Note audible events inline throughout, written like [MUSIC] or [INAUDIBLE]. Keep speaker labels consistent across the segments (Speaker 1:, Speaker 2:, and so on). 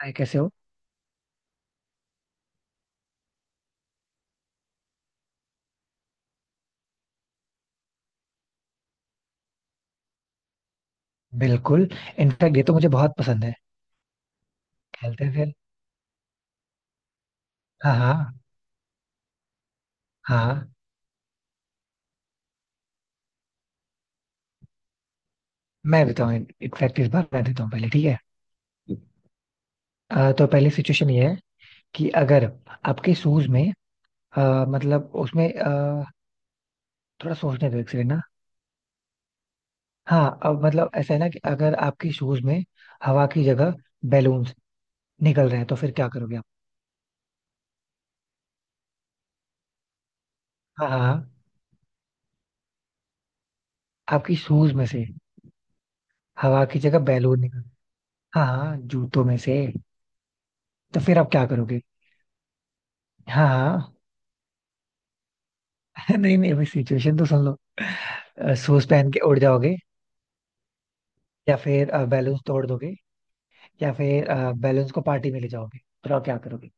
Speaker 1: हाय, कैसे हो। बिल्कुल। इनफैक्ट ये तो मुझे बहुत पसंद है। खेलते हैं फिर। हाँ हाँ। हाँ हाँ। मैं देता हूँ, इनफैक्ट इस बार मैं देता हूँ पहले, ठीक है। तो पहली सिचुएशन ये है कि अगर आपके शूज में मतलब उसमें थोड़ा सोचने दो एक सेकंड ना। हाँ अब मतलब ऐसा है ना कि अगर आपके शूज में हवा की जगह बैलून्स निकल रहे हैं तो फिर क्या करोगे आप। हाँ हाँ हाँ। आपकी शूज में से हवा की जगह बैलून निकल। हाँ हाँ, जूतों में से। तो फिर आप क्या करोगे। हाँ हाँ। [LAUGHS] नहीं नहीं, अभी सिचुएशन तो सुन लो। सूज पहन के उड़ जाओगे, या फिर बैलून्स तोड़ दोगे, या फिर बैलून्स को पार्टी में ले जाओगे। बताओ क्या करोगे।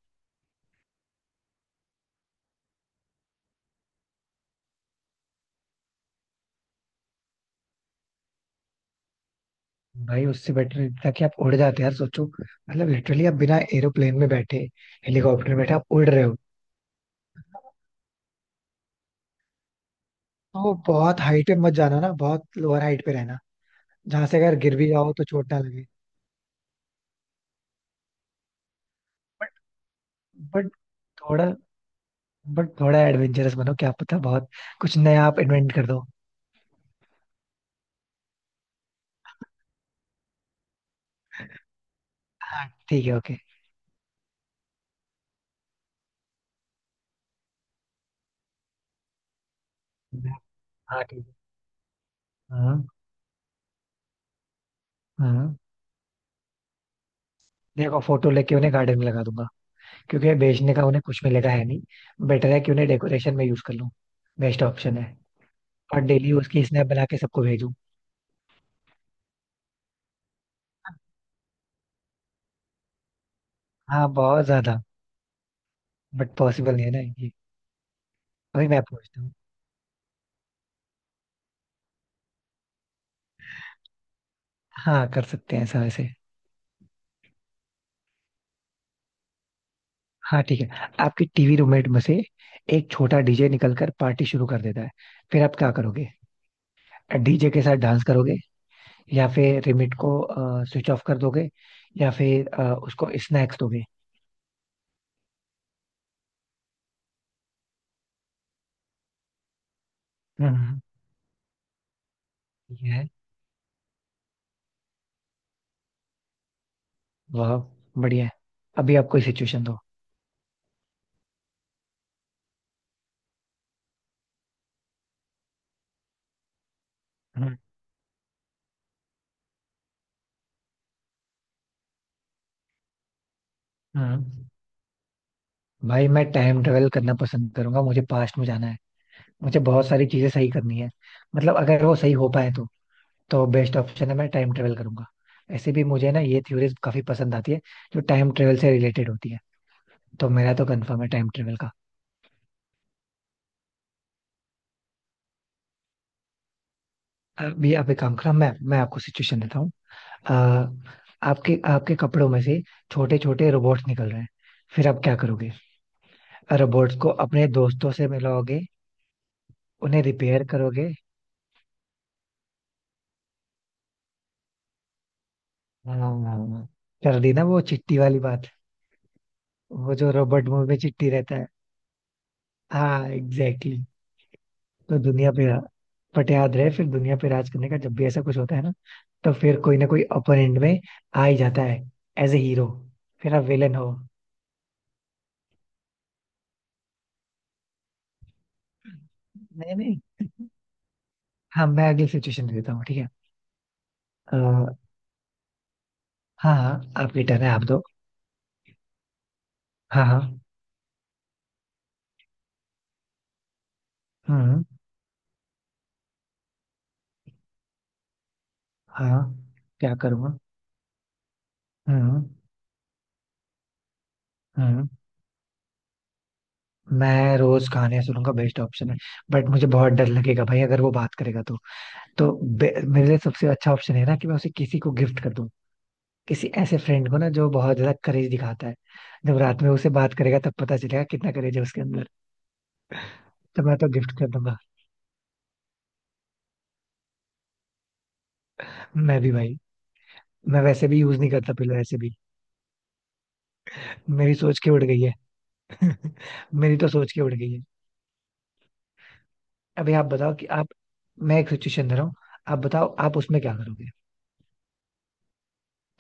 Speaker 1: भाई उससे बेटर ये था कि आप उड़ जाते यार। सोचो मतलब लिटरली आप बिना एरोप्लेन में बैठे हेलीकॉप्टर में बैठे आप उड़ रहे हो। तो बहुत हाइट पे मत जाना ना, बहुत लोअर हाइट पे रहना जहां से अगर गिर भी जाओ तो चोट ना लगे। बट बट थोड़ा बट थोड़ा एडवेंचरस बनो, क्या पता बहुत कुछ नया आप इन्वेंट कर दो। हाँ ठीक है, ओके। हाँ ठीक है। हाँ हाँ। देखो फोटो लेके उन्हें गार्डन में लगा दूंगा, क्योंकि बेचने का उन्हें कुछ मिलेगा है नहीं। बेटर है कि उन्हें डेकोरेशन में यूज कर लूं, बेस्ट ऑप्शन है। और डेली उसकी स्नैप बना के सबको भेजूं। हाँ बहुत ज्यादा। बट पॉसिबल नहीं है ना ये। अभी मैं पूछता हूँ। हाँ कर सकते हैं ऐसा वैसे। हाँ ठीक है, आपकी टीवी रूममेट में से एक छोटा डीजे निकलकर पार्टी शुरू कर देता है। फिर आप क्या करोगे। डीजे के साथ डांस करोगे, या फिर रिमिट को स्विच ऑफ कर दोगे, या फिर उसको स्नैक्स दोगे। हम्म। वाह, बढ़िया है। अभी आप कोई सिचुएशन दो। हम्म। हम्म। भाई मैं टाइम ट्रेवल करना पसंद करूंगा, मुझे पास्ट में जाना है। मुझे बहुत सारी चीजें सही करनी है, मतलब अगर वो सही हो पाए तो। तो बेस्ट ऑप्शन है मैं टाइम ट्रेवल करूंगा। ऐसे भी मुझे ना ये थ्योरीज काफी पसंद आती है जो टाइम ट्रेवल से रिलेटेड होती है। तो मेरा तो कंफर्म है टाइम ट्रेवल का। अभी आप एक काम करो, मैं आपको सिचुएशन देता हूँ। अ, आपके आपके कपड़ों में से छोटे छोटे रोबोट्स निकल रहे हैं। फिर आप क्या करोगे। रोबोट्स को अपने दोस्तों से मिलाओगे, उन्हें रिपेयर करोगे। हाँ, कर दी ना वो चिट्टी वाली बात। वो जो रोबोट मूवी में चिट्टी रहता है। हाँ एग्जैक्टली, exactly. तो दुनिया पे, बट याद रहे फिर दुनिया पे राज करने का जब भी ऐसा कुछ होता है ना, तो फिर कोई ना कोई अपर एंड में आ ही जाता है एज ए हीरो। फिर आप विलन हो। नहीं नहीं। हाँ मैं अगली सिचुएशन दे देता हूँ ठीक है। अ, हाँ हाँ, आपकी टर्न है, आप दो। हाँ हाँ। हम्म। हाँ, क्या करूँगा। हम्म। हम्म। मैं रोज खाने सुनूंगा, बेस्ट ऑप्शन है। बट मुझे बहुत डर लगेगा भाई, अगर वो बात करेगा तो। तो मेरे लिए सबसे अच्छा ऑप्शन है ना कि मैं उसे किसी को गिफ्ट कर दूं। किसी ऐसे फ्रेंड को ना जो बहुत ज्यादा करेज दिखाता है, जब रात में उसे बात करेगा तब पता चलेगा कितना करेज है उसके अंदर। तो मैं तो गिफ्ट कर दूंगा। मैं भी भाई। मैं वैसे भी यूज नहीं करता पिलो ऐसे भी। मेरी सोच के उड़ गई है। मेरी तो सोच के उड़ गई है। अभी आप बताओ कि आप, मैं एक सिचुएशन दे रहा हूँ। आप बताओ आप उसमें क्या करोगे,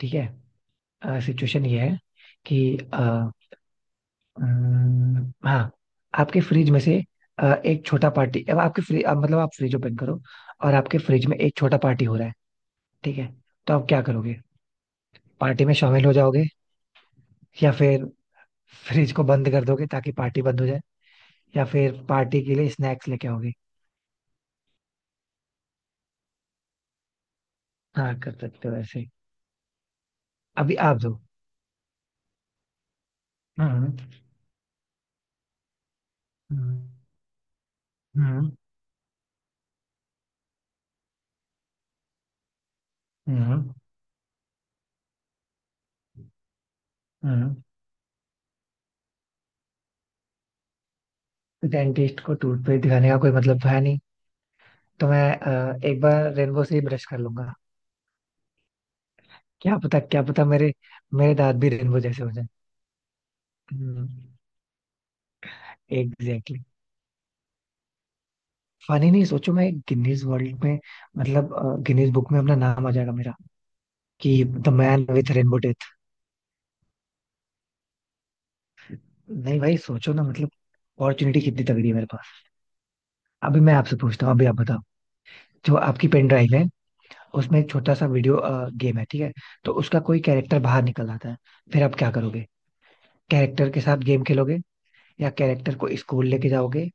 Speaker 1: ठीक है। सिचुएशन ये है कि हाँ, आपके फ्रिज में से एक छोटा पार्टी, अब आपके फ्रिज, अब मतलब आप फ्रिज ओपन करो और आपके फ्रिज में एक छोटा पार्टी हो रहा है, ठीक है। तो आप क्या करोगे। पार्टी में शामिल हो जाओगे, या फिर फ्रिज को बंद कर दोगे ताकि पार्टी बंद हो जाए, या फिर पार्टी के लिए स्नैक्स लेके आओगे। हाँ कर सकते हो ऐसे। अभी आप दो। हम्म। हम्म। हम्म। हम्म। हम्म। डेंटिस्ट को टूथपेस्ट दिखाने का कोई मतलब तो है नहीं। तो मैं एक बार रेनबो से ही ब्रश कर लूंगा। क्या पता, क्या पता मेरे मेरे दांत भी रेनबो जैसे हो जाए। एग्जैक्टली। फनी नहीं, सोचो मैं गिनीज वर्ल्ड में, मतलब गिनीज बुक में अपना नाम आ जाएगा मेरा। कि the man with rainbow teeth. नहीं भाई सोचो ना, मतलब अपॉर्चुनिटी कितनी तगड़ी है मेरे पास। अभी मैं आपसे पूछता हूँ, अभी आप बताओ। जो आपकी पेन ड्राइव है, उसमें एक छोटा सा वीडियो गेम है, ठीक है। तो उसका कोई कैरेक्टर बाहर निकल आता है। फिर आप क्या करोगे। कैरेक्टर के साथ गेम खेलोगे, या कैरेक्टर को स्कूल लेके जाओगे,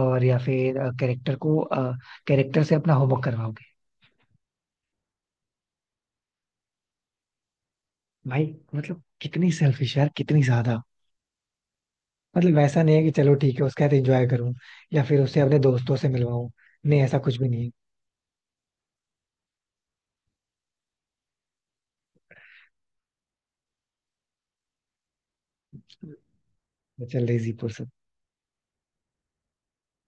Speaker 1: और या फिर कैरेक्टर को, कैरेक्टर से अपना होमवर्क करवाओगे। भाई, मतलब कितनी सेल्फिश यार, कितनी ज्यादा। मतलब वैसा नहीं है कि चलो ठीक है उसके साथ एंजॉय करूं, या फिर उसे अपने दोस्तों से मिलवाऊं। नहीं ऐसा कुछ भी नहीं है। चल रही पर्सन।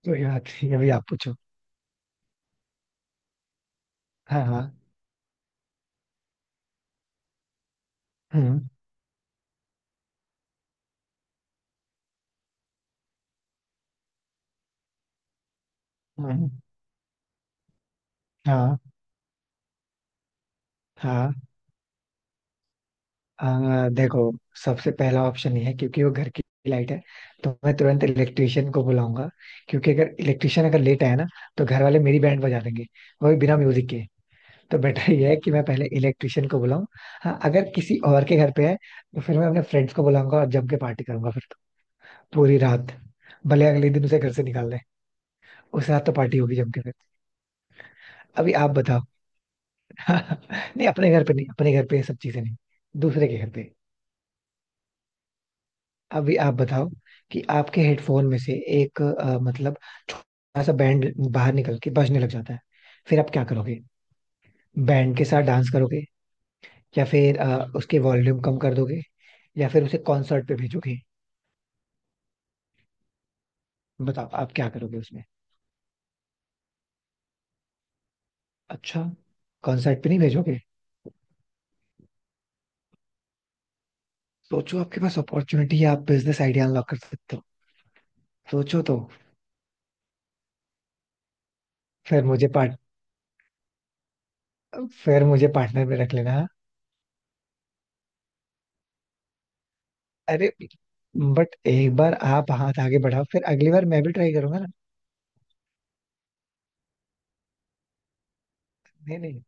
Speaker 1: तो यार ठीक है, अभी आप पूछो। हाँ हाँ। हम्म। हम्म। हाँ। हाँ हाँ, देखो सबसे पहला ऑप्शन ये है क्योंकि वो घर की लाइट है, तो मैं तुरंत इलेक्ट्रिशियन को बुलाऊंगा। क्योंकि अगर इलेक्ट्रिशियन अगर लेट आया ना, तो घर वाले मेरी बैंड बजा देंगे, वो भी बिना म्यूजिक के। तो बेटर ये है कि मैं पहले इलेक्ट्रिशियन को बुलाऊं। हाँ अगर किसी और के घर पे है तो फिर मैं अपने फ्रेंड्स को बुलाऊंगा और जम के पार्टी करूंगा फिर तो, पूरी रात। भले अगले दिन उसे घर से निकाल दें, उस रात तो पार्टी होगी जम के फिर। अभी आप बताओ। [LAUGHS] नहीं अपने घर पे नहीं, अपने घर पे ये सब चीजें नहीं, दूसरे के घर पे। अभी आप बताओ कि आपके हेडफोन में से एक मतलब छोटा सा बैंड बाहर निकल के बजने लग जाता है। फिर आप क्या करोगे। बैंड के साथ डांस करोगे, या फिर उसके वॉल्यूम कम कर दोगे, या फिर उसे कॉन्सर्ट पे भेजोगे। बताओ आप क्या करोगे उसमें। अच्छा, कॉन्सर्ट पे नहीं भेजोगे। सोचो आपके पास अपॉर्चुनिटी है, आप बिजनेस आइडिया अनलॉक कर सकते हो। सोचो तो। फिर मुझे पार्ट फिर मुझे पार्टनर में रख लेना। अरे, बट एक बार आप हाथ आगे बढ़ाओ फिर अगली बार मैं भी ट्राई करूंगा ना। नहीं नहीं।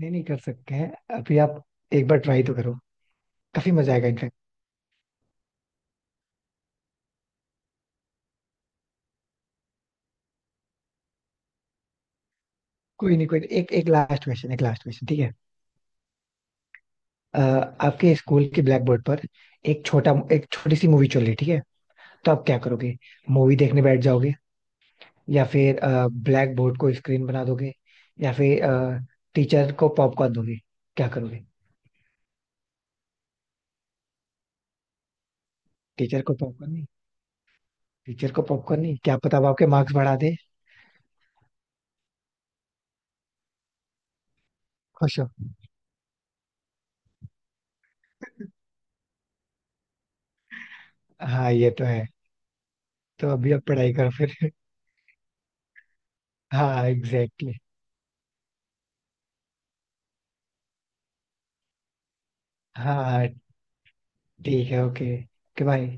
Speaker 1: नहीं नहीं, कर सकते हैं। अभी आप एक बार ट्राई तो करो, काफी मजा आएगा इनफैक्ट। कोई नहीं कोई नहीं, एक, एक लास्ट क्वेश्चन, एक लास्ट क्वेश्चन, ठीक है। अ, आपके स्कूल के ब्लैक बोर्ड पर एक छोटी सी मूवी चल रही है, ठीक है। तो आप क्या करोगे। मूवी देखने बैठ जाओगे, या फिर ब्लैक बोर्ड को स्क्रीन बना दोगे, या फिर टीचर को पॉपकॉर्न दोगे। क्या करोगे। टीचर को पॉपकॉर्न नहीं। टीचर को पॉपकॉर्न नहीं, क्या पता वो आपके मार्क्स बढ़ा दे। खुश हो। हाँ ये तो है। तो अभी आप पढ़ाई करो फिर। [LAUGHS] हाँ एग्जैक्टली। हाँ हाँ, ठीक है, ओके ओके, बाय।